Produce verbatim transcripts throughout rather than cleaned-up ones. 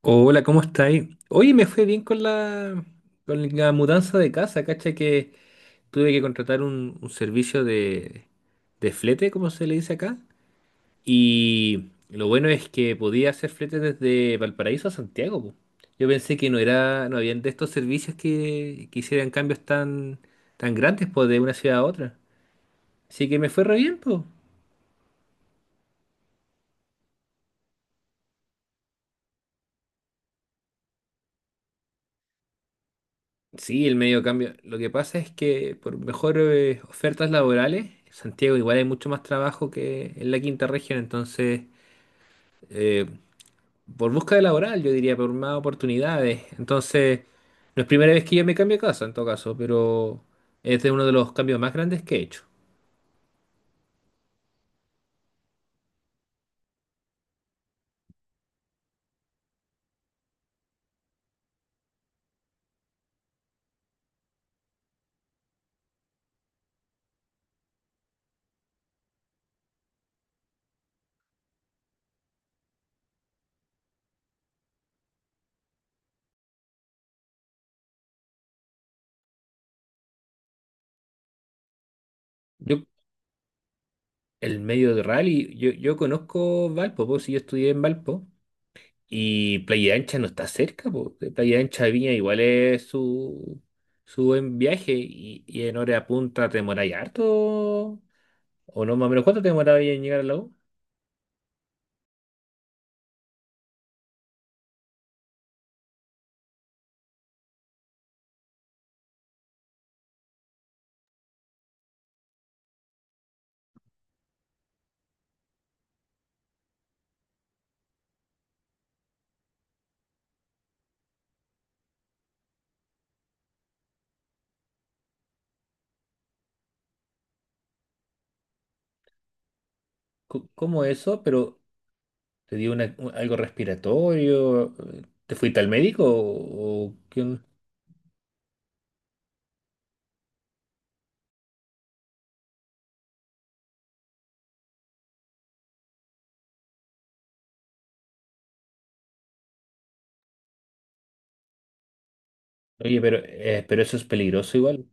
Hola, ¿cómo estáis? Oye, me fue bien con la, con la mudanza de casa, cacha que tuve que contratar un, un servicio de, de flete, como se le dice acá. Y lo bueno es que podía hacer flete desde Valparaíso a Santiago, po. Yo pensé que no era, no habían de estos servicios que, que hicieran cambios tan, tan grandes, pues, de una ciudad a otra. Así que me fue re bien, pues. Sí, el medio cambio. Lo que pasa es que por mejores ofertas laborales, en Santiago igual hay mucho más trabajo que en la quinta región, entonces, eh, por búsqueda laboral, yo diría, por más oportunidades. Entonces, no es primera vez que yo me cambio de casa, en todo caso, pero es de uno de los cambios más grandes que he hecho. Yo, el medio de rally, yo, yo conozco Valpo, pues, si yo estudié en Valpo. Y Playa Ancha no está cerca, po. De Playa Ancha a Viña igual es su, su buen viaje y, y en hora punta te demoráis harto. O no, más o menos, ¿cuánto te demorabas en llegar al lago? ¿Cómo eso? Pero te dio una- un- algo respiratorio. ¿Te fuiste al médico? ¿O, o qué on- Oye, pero, eh, pero eso es peligroso igual.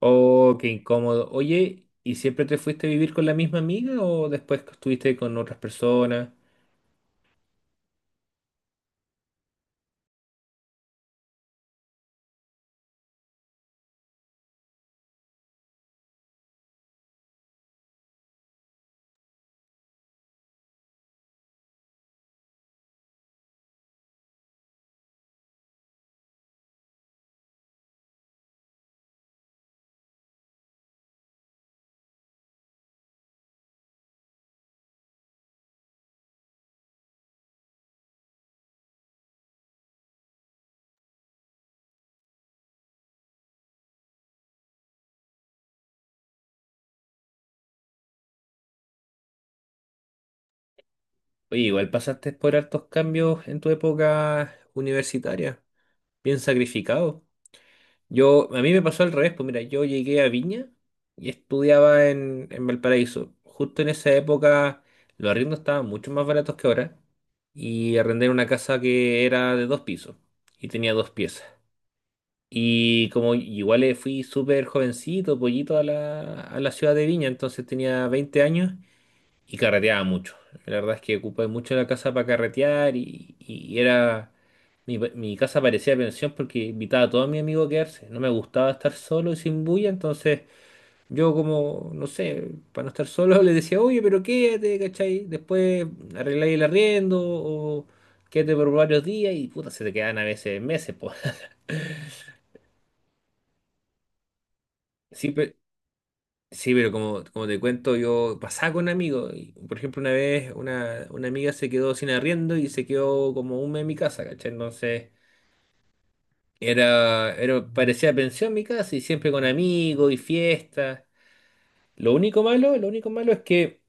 Oh, qué incómodo. Oye, ¿y siempre te fuiste a vivir con la misma amiga o después estuviste con otras personas? Oye, igual pasaste por hartos cambios en tu época universitaria, bien sacrificado. Yo, a mí me pasó al revés, pues mira, yo llegué a Viña y estudiaba en, en Valparaíso. Justo en esa época los arriendos estaban mucho más baratos que ahora y arrendé una casa que era de dos pisos y tenía dos piezas. Y como igual eh, fui súper jovencito, pollito a la, a la ciudad de Viña, entonces tenía veinte años y carreteaba mucho. La verdad es que ocupé mucho la casa para carretear y, y era. Mi, mi casa parecía pensión porque invitaba a todos mis amigos a quedarse. No me gustaba estar solo y sin bulla, entonces yo como, no sé, para no estar solo les decía, oye, pero quédate, ¿cachai? Después arregláis el arriendo o quédate por varios días y puta, se te quedan a veces meses, pues. Siempre. Sí, pero como, como te cuento, yo pasaba con amigos. Y, por ejemplo, una vez una, una amiga se quedó sin arriendo y se quedó como un mes en mi casa, ¿cachai? Entonces, era, era, parecía pensión mi casa y siempre con amigos y fiestas. Lo único malo, lo único malo es que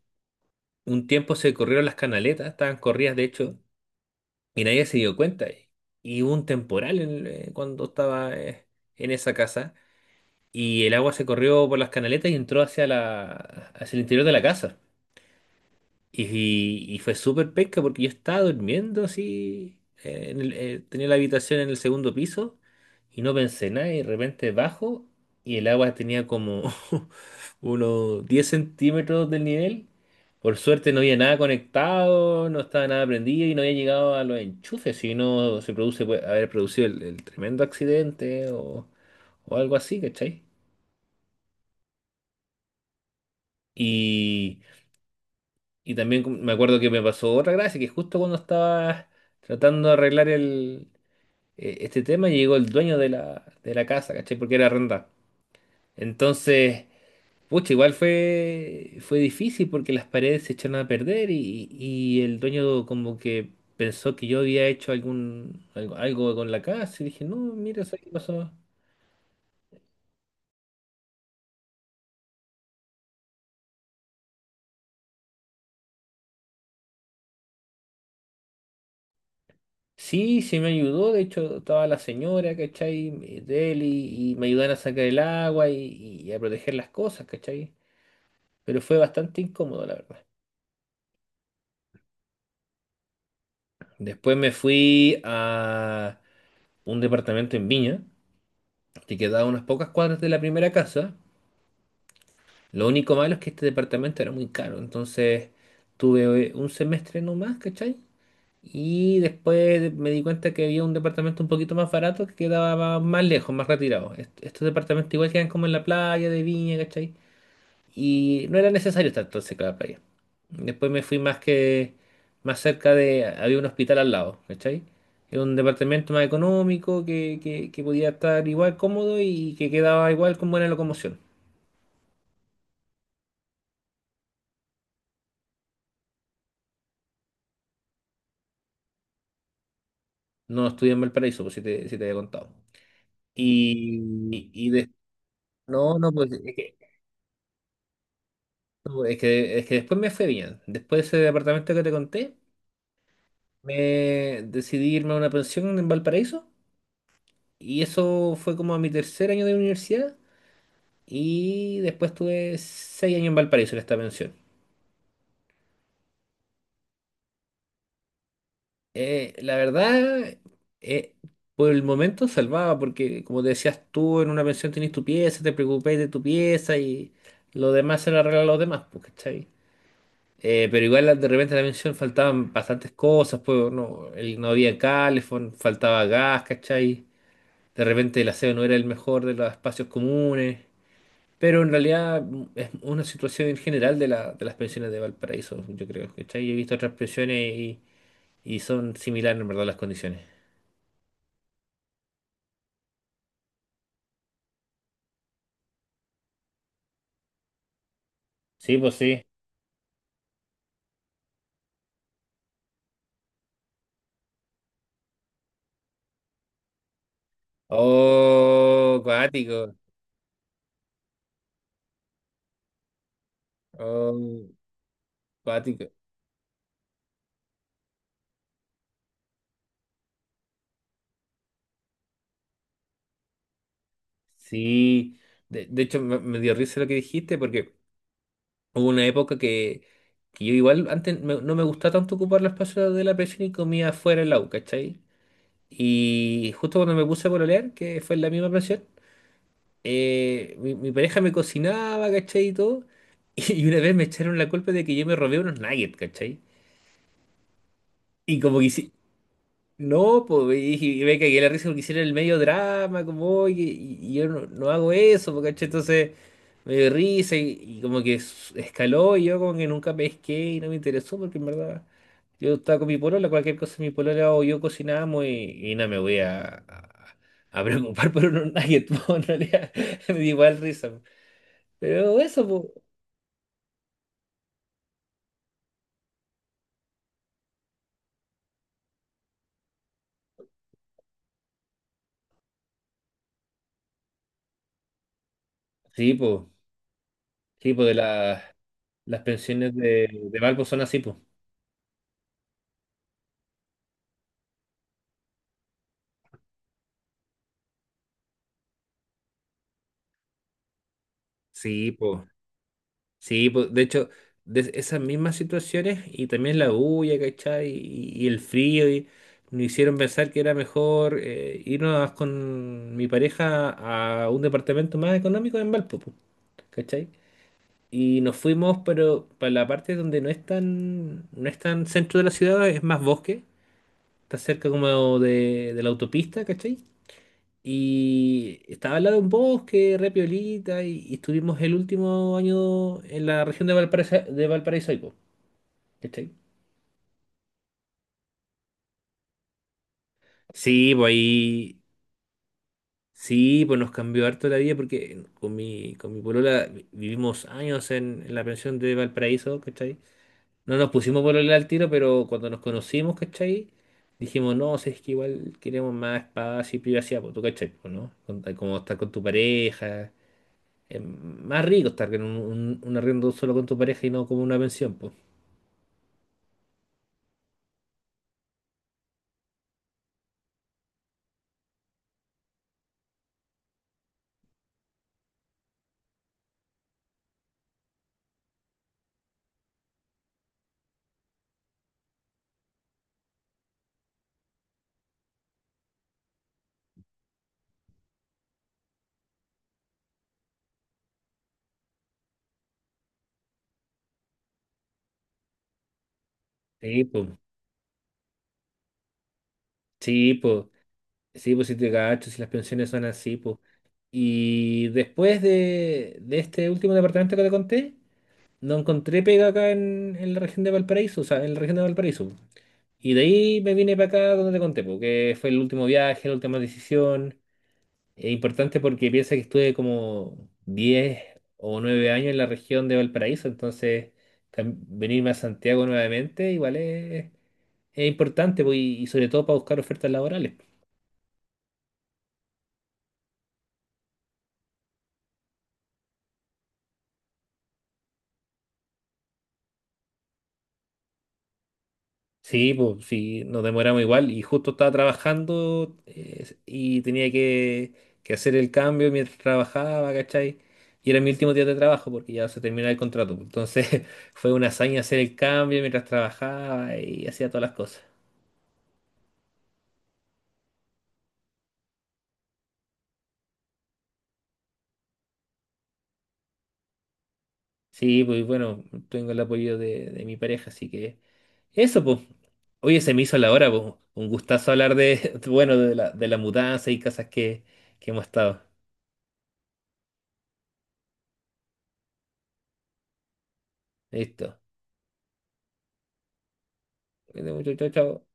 un tiempo se corrieron las canaletas, estaban corridas de hecho, y nadie se dio cuenta. Y hubo un temporal en- el- eh, cuando estaba eh, en esa casa y el agua se corrió por las canaletas y entró hacia la, hacia el interior de la casa. Y, y fue súper pesca porque yo estaba durmiendo así, eh, en el- eh, tenía la habitación en el segundo piso y no pensé nada y de repente bajo y el agua tenía como unos diez centímetros del nivel. Por suerte no había nada conectado, no estaba nada prendido y no había llegado a los enchufes, si no se produce, puede haber producido el, el tremendo accidente o, o algo así, ¿cachai? Y Y también me acuerdo que me pasó otra gracia, que justo cuando estaba tratando de arreglar el, eh, este tema, llegó el dueño de la, de la casa, ¿cachai? Porque era arrendada. Entonces, pucha, igual fue, fue difícil porque las paredes se echaron a perder y, y el dueño como que pensó que yo había hecho algún, algo, algo con la casa y dije, no, mira, ¿sabes qué pasó? Sí, sí me ayudó, de hecho estaba la señora, ¿cachai? De él y, y me ayudaron a sacar el agua y, y a proteger las cosas, ¿cachai? Pero fue bastante incómodo, la verdad. Después me fui a un departamento en Viña, que quedaba a unas pocas cuadras de la primera casa. Lo único malo es que este departamento era muy caro, entonces tuve un semestre nomás, ¿cachai? Y después me di cuenta que había un departamento un poquito más barato que quedaba más lejos, más retirado. Est- Estos departamentos igual quedan como en la playa de Viña, ¿cachai? Y no era necesario estar tan cerca de la playa. Después me fui más que más cerca de. Había un hospital al lado, ¿cachai? Era un departamento más económico que, que, que podía estar igual cómodo y que quedaba igual con buena locomoción. No estudié en Valparaíso, pues si te, si te había contado. Y, y de- no, no, pues es que, es que, es que después me fue bien. Después de ese departamento que te conté, me decidí irme a una pensión en Valparaíso. Y eso fue como a mi tercer año de universidad. Y después tuve seis años en Valparaíso en esta pensión. Eh, la verdad, eh, por el momento salvaba, porque como te decías tú, en una pensión tenés tu pieza, te preocupáis de tu pieza y lo demás se lo arreglan los demás, pues, ¿cachai? Eh, pero igual la- de repente en la pensión faltaban bastantes cosas, pues no, el- no había calefón, faltaba gas, ¿cachai? De repente el aseo no era el mejor de los espacios comunes. Pero en realidad mm, es una situación en general de, la, de las pensiones de Valparaíso, yo creo. ¿Cachai? Yo he visto otras pensiones y, y son similares en verdad las condiciones. Sí, pues sí. Oh, cuático. Oh, cuático. Sí. De, de hecho, me, me dio risa lo que dijiste porque hubo una época que, que yo igual antes me- no me gustaba tanto ocupar los espacios de la pensión y comía fuera en la U, ¿cachai? Y justo cuando me puse a pololear, que fue en la misma pensión. eh, mi, mi pareja me cocinaba, ¿cachai? Y todo. Y una vez me echaron la culpa de que yo me robé unos nuggets, ¿cachai? Y como que hice- no, pues, y, dije- y me cagué la risa porque hicieron el medio drama, como, oye, y, y yo no, no hago eso, pues, ¿cachai? Entonces me dio risa y, y como que s- escaló y yo como que nunca pesqué y no me interesó porque en verdad yo estaba con mi polola, cualquier cosa mi polola o yo cocinábamos y, y no me voy a, a, a preocupar por unos nuggets, pues, en realidad me dio igual risa. Pero eso, pues. Sí, pues. Sí, po, de la- las pensiones de, de Valpo son así, pues. Sí, pues. Sí, po. De hecho, de esas mismas situaciones y también la bulla, ¿cachai? Y, y el frío, y nos hicieron pensar que era mejor eh, irnos con mi pareja a un departamento más económico en Valpo, po, ¿cachai? Y nos fuimos, pero para la parte donde no es tan, no es tan centro de la ciudad, es más bosque. Está cerca como de, de la autopista, ¿cachai? Y estaba al lado de un bosque, re piolita, y, y estuvimos el último año en la región de Valparaíso, de Valparaíso, ahí, po, ¿cachai? Sí, pues ahí, sí, pues nos cambió harto la vida porque con mi, con mi polola vi- vivimos años en, en la pensión de Valparaíso, ¿cachai? No nos pusimos polola al tiro, pero cuando nos conocimos, ¿cachai? Dijimos, no, si es que igual queremos más espacio y privacidad, pues tú, ¿cachai? Pues, ¿no? Con- Como estar con tu pareja. Es más rico estar en un, un- un arriendo solo con tu pareja y no como una pensión, pues. Sí, pues. Sí, pues. Sí, pues si te cacho, si las pensiones son así, pues. Y después de, de este último departamento que te conté, no encontré pega acá en, en la región de Valparaíso, o sea, en la región de Valparaíso. Y de ahí me vine para acá donde te conté, porque fue el último viaje, la última decisión. Es importante porque piensa que estuve como diez o nueve años en la región de Valparaíso, entonces cam- venirme a Santiago nuevamente igual es, es importante pues, y, y sobre todo para buscar ofertas laborales. Sí, pues sí, nos demoramos igual y justo estaba trabajando eh, y tenía que, que hacer el cambio mientras trabajaba, ¿cachai? Y era mi último día de trabajo porque ya se terminaba el contrato, pues. Entonces fue una hazaña hacer el cambio mientras trabajaba y hacía todas las cosas. Sí, pues bueno, tengo el apoyo de, de mi pareja, así que eso, pues. Oye, se me hizo la hora, pues. Un gustazo hablar de, bueno, de la, de la mudanza y cosas que, que hemos estado. Listo. Cuídate mucho. Chao, chao.